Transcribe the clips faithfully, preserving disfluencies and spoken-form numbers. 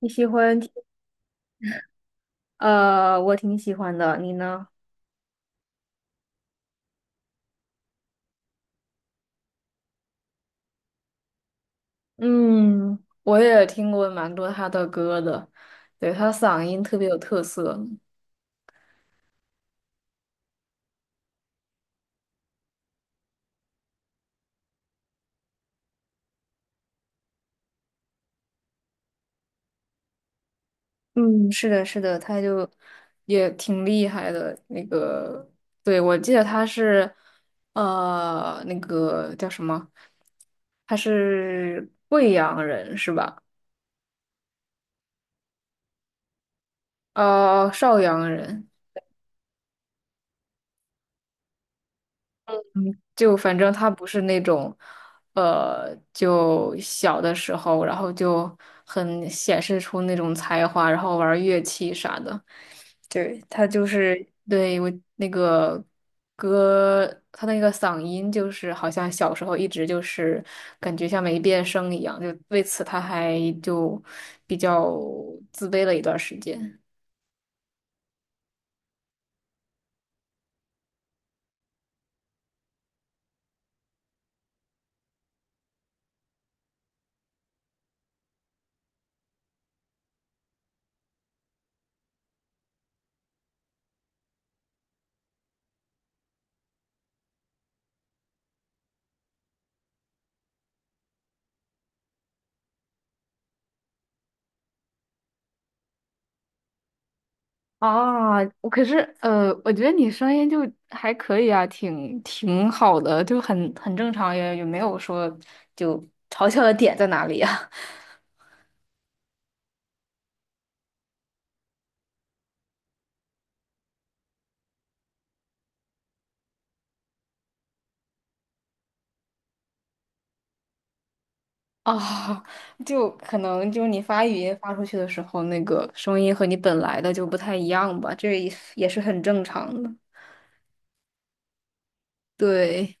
你喜欢听？呃，我挺喜欢的，你呢？嗯，我也听过蛮多他的歌的，对，他嗓音特别有特色，嗯，是的，是的，他就也挺厉害的。那个，对，我记得他是，呃，那个叫什么？他是贵阳人是吧？哦、邵阳人。就反正他不是那种，呃，就小的时候，然后就很显示出那种才华，然后玩乐器啥的。对，他就是对我那个歌，他那个嗓音就是好像小时候一直就是感觉像没变声一样，就为此他还就比较自卑了一段时间。啊，我可是呃，我觉得你声音就还可以啊，挺挺好的，就很很正常，也也没有说就嘲笑的点在哪里呀？啊，就可能就是你发语音发出去的时候，那个声音和你本来的就不太一样吧，这也也是很正常的。对，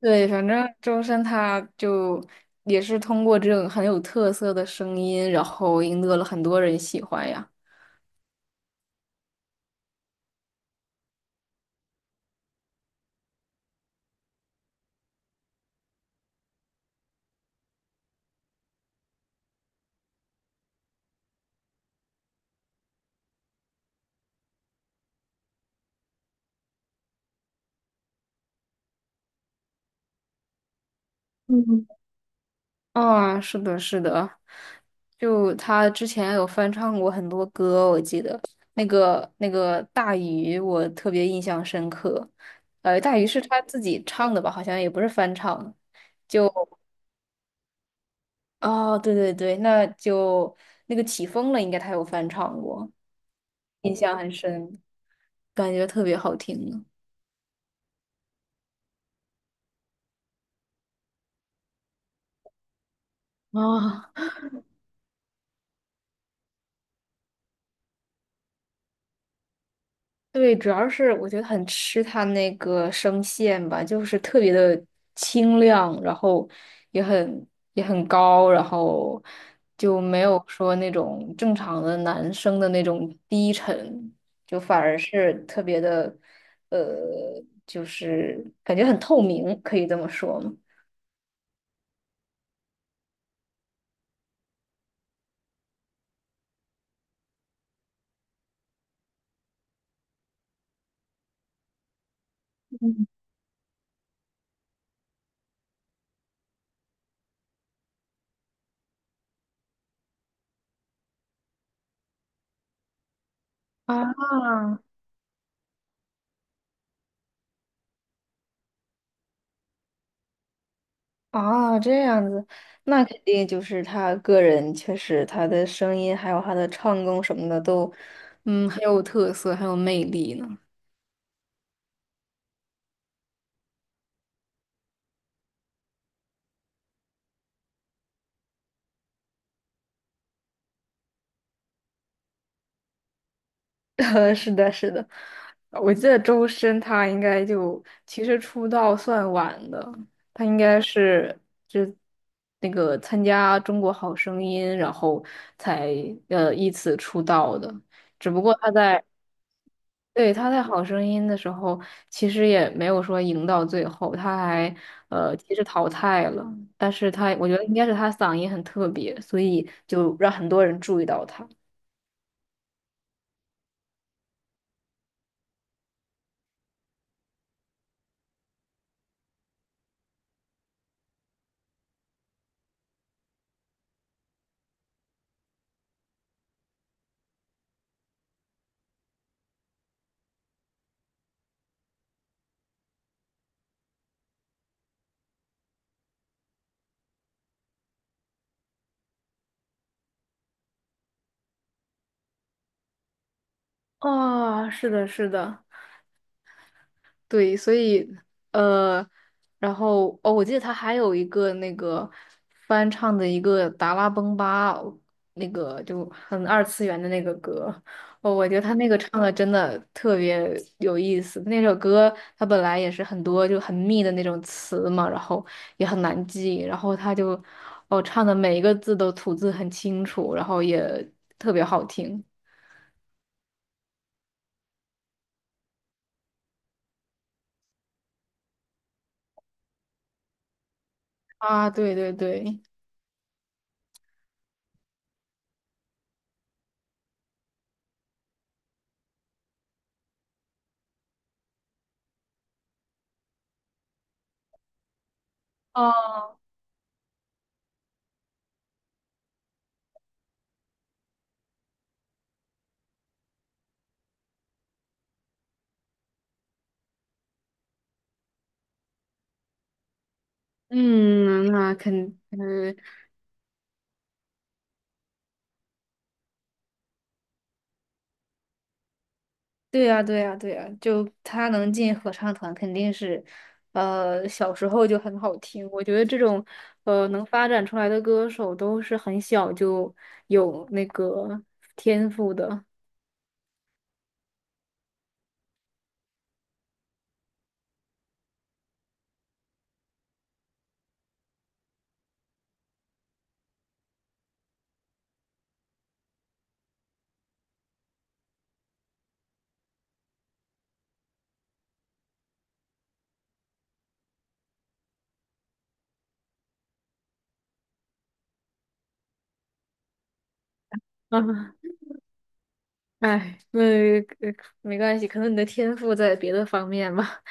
对，反正周深他就也是通过这种很有特色的声音，然后赢得了很多人喜欢呀。嗯。啊，是的，是的，就他之前有翻唱过很多歌，我记得那个那个大鱼，我特别印象深刻。呃，大鱼是他自己唱的吧？好像也不是翻唱，就哦，对对对，那就那个起风了，应该他有翻唱过，印象很深，感觉特别好听呢啊、对，主要是我觉得很吃他那个声线吧，就是特别的清亮，然后也很也很高，然后就没有说那种正常的男生的那种低沉，就反而是特别的，呃，就是感觉很透明，可以这么说吗？啊，啊，这样子，那肯定就是他个人确实他的声音还有他的唱功什么的都，嗯，很有特色，很有魅力呢。呃是的，是的，我记得周深他应该就其实出道算晚的，他应该是就那个参加《中国好声音》，然后才呃依次出道的。只不过他在对，他在《好声音》的时候，其实也没有说赢到最后，他还呃，其实淘汰了，但是他我觉得应该是他嗓音很特别，所以就让很多人注意到他。啊，是的，是的，对，所以呃，然后哦，我记得他还有一个那个翻唱的一个《达拉崩吧》，那个就很二次元的那个歌，哦，我觉得他那个唱的真的特别有意思。那首歌他本来也是很多就很密的那种词嘛，然后也很难记，然后他就哦唱的每一个字都吐字很清楚，然后也特别好听啊，对对对。哦，嗯，那肯，呃，对呀，对呀，对呀，就他能进合唱团，肯定是，呃，小时候就很好听。我觉得这种，呃，能发展出来的歌手都是很小就有那个天赋的。啊，哎，那呃没关系，可能你的天赋在别的方面吧。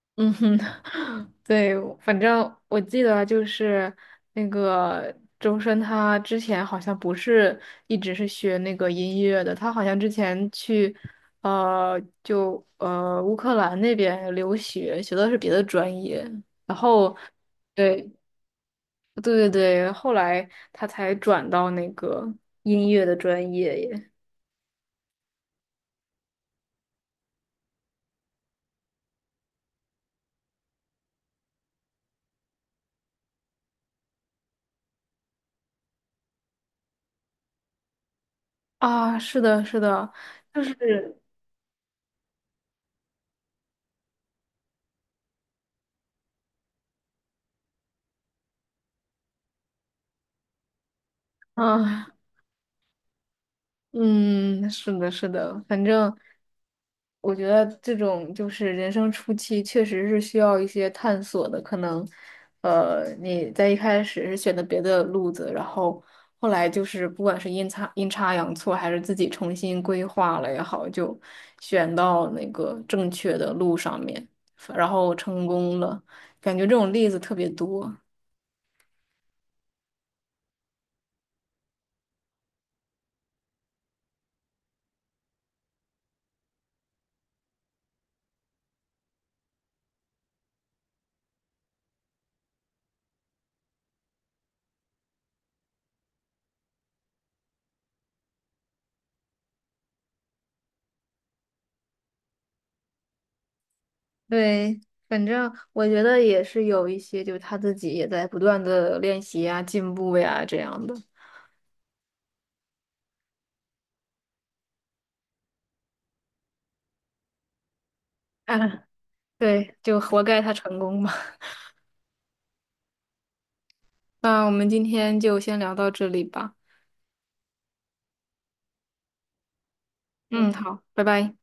嗯哼，对，反正我记得就是那个周深，他之前好像不是一直是学那个音乐的，他好像之前去呃就呃乌克兰那边留学，学的是别的专业，然后对对对对，后来他才转到那个音乐的专业耶。啊，是的，是的，就是，啊，嗯，是的，是的，反正。我觉得这种就是人生初期，确实是需要一些探索的。可能，呃，你在一开始是选的别的路子，然后后来就是不管是阴差阴差阳错，还是自己重新规划了也好，就选到那个正确的路上面，然后成功了。感觉这种例子特别多。对，反正我觉得也是有一些，就是他自己也在不断的练习呀、进步呀这样的。对，就活该他成功吧。那我们今天就先聊到这里吧。嗯，嗯好，拜拜。